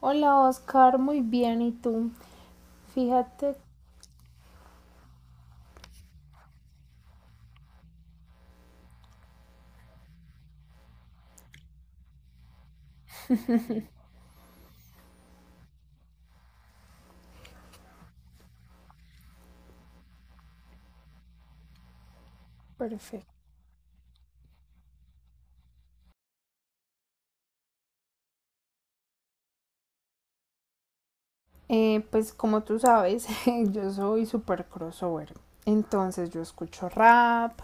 Hola Oscar, muy bien, ¿y tú? Fíjate, perfecto. Pues como tú sabes, yo soy super crossover, entonces yo escucho rap,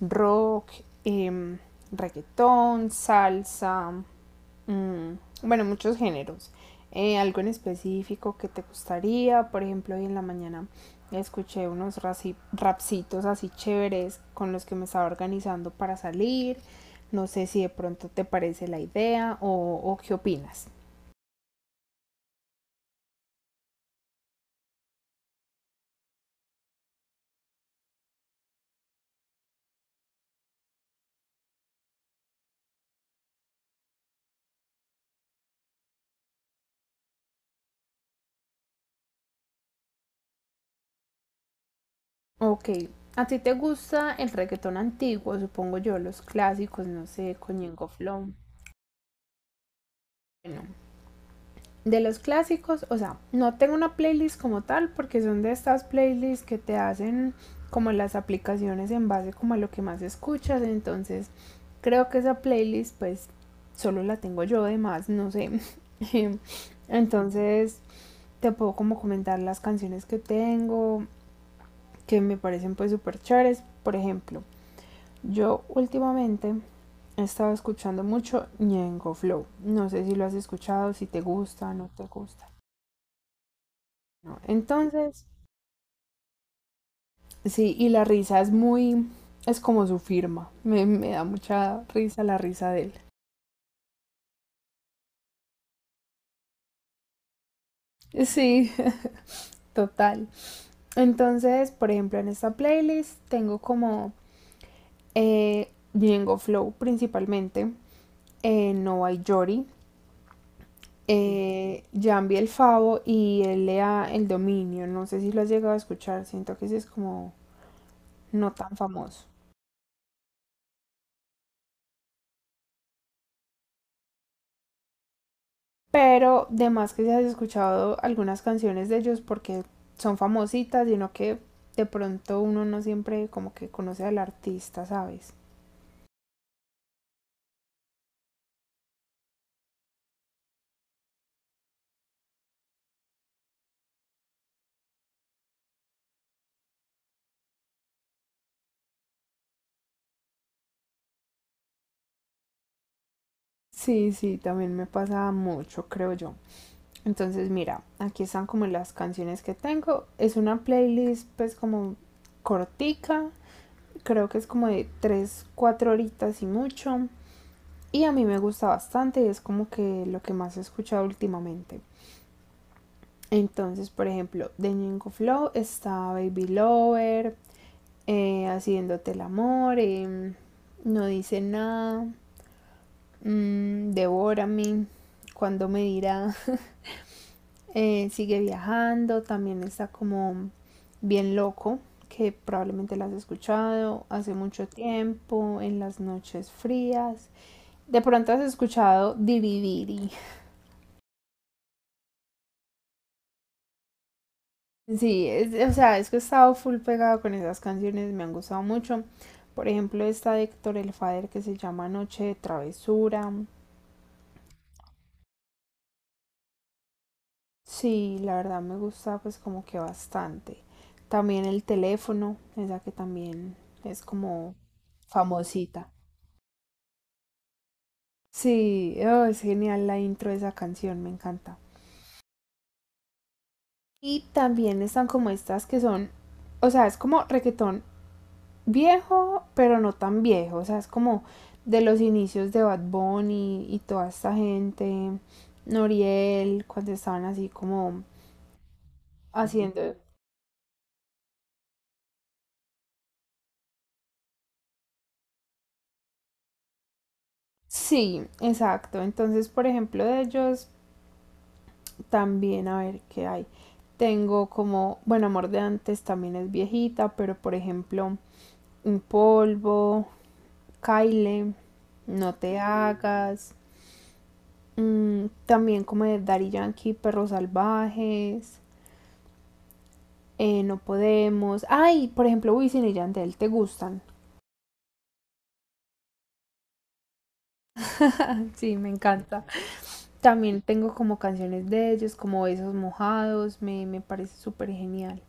rock, em, reggaetón, salsa, Mm, bueno, muchos géneros. Algo en específico que te gustaría, por ejemplo, hoy en la mañana escuché unos rapsitos así chéveres con los que me estaba organizando para salir. No sé si de pronto te parece la idea o qué opinas. Ok, a ti te gusta el reggaetón antiguo, supongo yo, los clásicos, no sé, con Ñengo Flow. Bueno, de los clásicos, o sea, no tengo una playlist como tal porque son de estas playlists que te hacen como las aplicaciones en base como a lo que más escuchas, entonces creo que esa playlist pues solo la tengo yo, además no sé. Entonces te puedo como comentar las canciones que tengo, que me parecen pues súper chéveres. Por ejemplo, yo últimamente he estado escuchando mucho Ñengo Flow. No sé si lo has escuchado, si te gusta, no te gusta. ¿No? Entonces, sí, y la risa es muy, es como su firma. Me da mucha risa la risa de él. Sí, total. Entonces, por ejemplo, en esta playlist tengo como Django Flow principalmente, Nova y Yori, Jambi el Favo y L a el Dominio. No sé si lo has llegado a escuchar, siento que ese es como no tan famoso. Pero de más que se has escuchado algunas canciones de ellos porque son famositas, sino que de pronto uno no siempre como que conoce al artista, ¿sabes? Sí, sí, también me pasa mucho, creo yo. Entonces, mira, aquí están como las canciones que tengo. Es una playlist pues como cortica, creo que es como de 3 4 horitas y mucho. Y a mí me gusta bastante y es como que lo que más he escuchado últimamente. Entonces, por ejemplo, de Ñengo Flow está Baby Lover, Haciéndote el amor, No dice nada, Devórame, Cuando me dirá, Sigue viajando, también está como bien loco, que probablemente la has escuchado hace mucho tiempo, en las noches frías. De pronto has escuchado Diriviri. Sí, o sea, es que he estado full pegada con esas canciones, me han gustado mucho. Por ejemplo, esta de Héctor El Father que se llama Noche de Travesura. Sí, la verdad me gusta pues como que bastante. También el teléfono, esa que también es como famosita. Sí, oh, es genial la intro de esa canción, me encanta. Y también están como estas que son, o sea, es como reggaetón viejo, pero no tan viejo. O sea, es como de los inicios de Bad Bunny y toda esta gente, Noriel, cuando estaban así como haciendo. Sí, exacto. Entonces, por ejemplo, de ellos también, a ver qué hay. Tengo como, bueno, Amor de antes también es viejita, pero por ejemplo, Un Polvo, Kyle, No Te Hagas, también como de Daddy Yankee, Perros Salvajes, no podemos. Ay, por ejemplo, Wisin y Yandel, ¿te gustan? Sí, me encanta. También tengo como canciones de ellos, como Besos Mojados, me parece súper genial.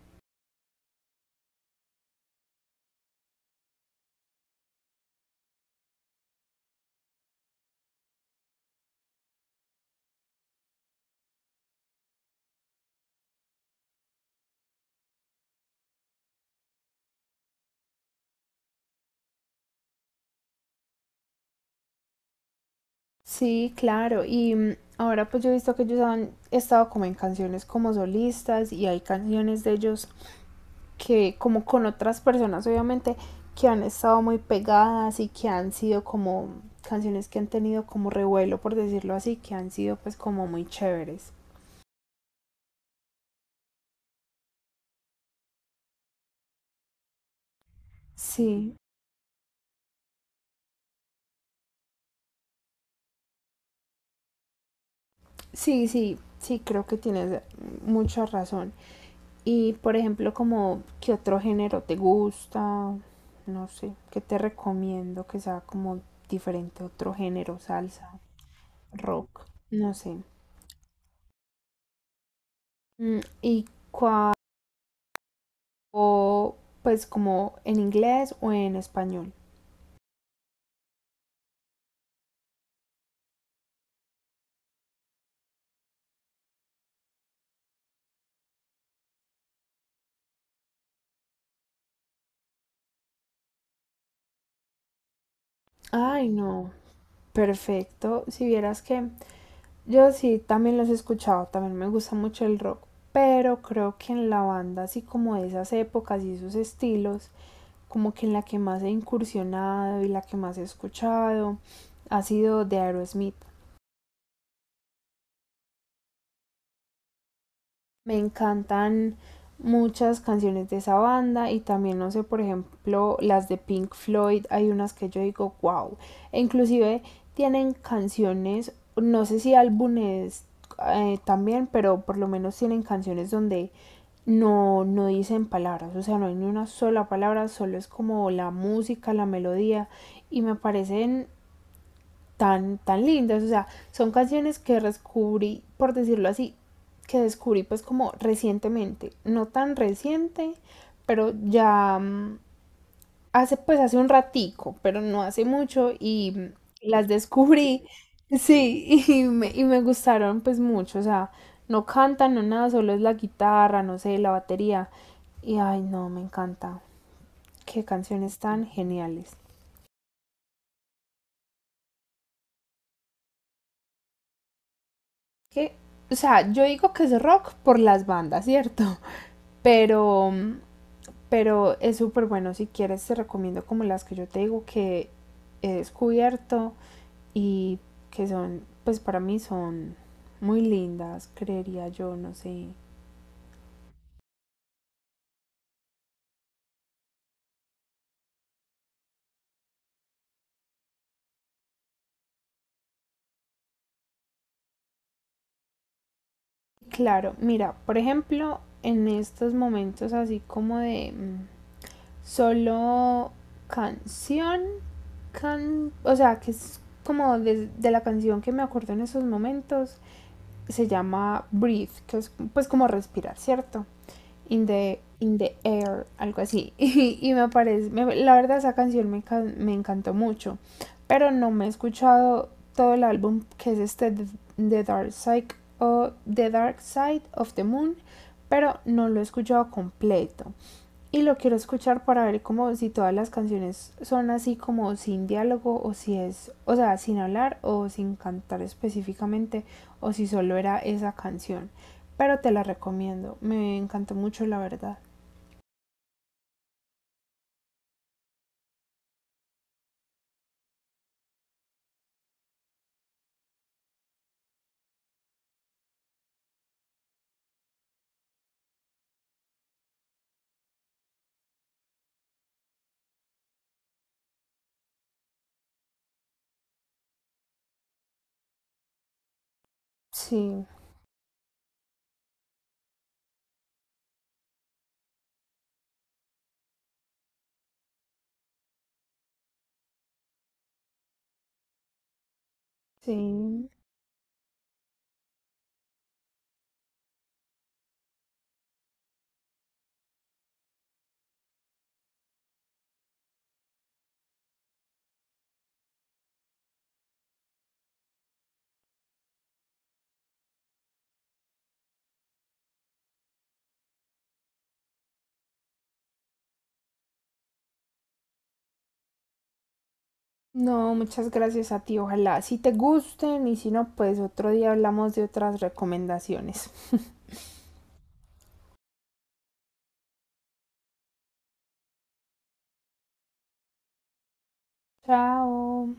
Sí, claro, y ahora pues yo he visto que ellos han estado como en canciones como solistas y hay canciones de ellos que como con otras personas obviamente que han estado muy pegadas y que han sido como canciones que han tenido como revuelo por decirlo así, que han sido pues como muy chéveres. Sí, sí, sí, sí, creo que tienes mucha razón. Y por ejemplo, como qué otro género te gusta, no sé, qué te recomiendo que sea como diferente a otro género, salsa, rock, no sé. Y cuál, pues como en inglés o en español. Ay, no, perfecto. Si vieras que yo sí, también los he escuchado, también me gusta mucho el rock, pero creo que en la banda, así como de esas épocas y esos estilos, como que en la que más he incursionado y la que más he escuchado ha sido de Aerosmith. Me encantan muchas canciones de esa banda y también, no sé, por ejemplo, las de Pink Floyd, hay unas que yo digo, wow, e inclusive tienen canciones, no sé si álbumes también, pero por lo menos tienen canciones donde no, no dicen palabras, o sea, no hay ni una sola palabra, solo es como la música, la melodía, y me parecen tan, tan lindas. O sea, son canciones que descubrí, por decirlo así, que descubrí pues como recientemente. No tan reciente, pero ya hace pues hace un ratico, pero no hace mucho y las descubrí. Sí, y me gustaron pues mucho. O sea, no cantan, no nada, solo es la guitarra, no sé, la batería. Y ay, no, me encanta. Qué canciones tan geniales. Que, o sea, yo digo que es rock por las bandas, ¿cierto? Pero, pero es súper bueno si quieres, te recomiendo como las que yo te digo que he descubierto y que son, pues para mí son muy lindas, creería yo, no sé. Claro, mira, por ejemplo, en estos momentos así como de solo canción, o sea, que es como de la canción que me acuerdo en esos momentos, se llama Breathe, que es pues como respirar, ¿cierto? In the, in the air, algo así. Y me parece, la verdad esa canción me encantó mucho, pero no me he escuchado todo el álbum que es este The Dark Side o The Dark Side of the Moon, pero no lo he escuchado completo. Y lo quiero escuchar para ver como si todas las canciones son así como sin diálogo o si es, o sea, sin hablar o sin cantar específicamente o si solo era esa canción. Pero te la recomiendo, me encantó mucho la verdad. Sí, sí. No, muchas gracias a ti, ojalá si te gusten y si no, pues otro día hablamos de otras recomendaciones. Chao.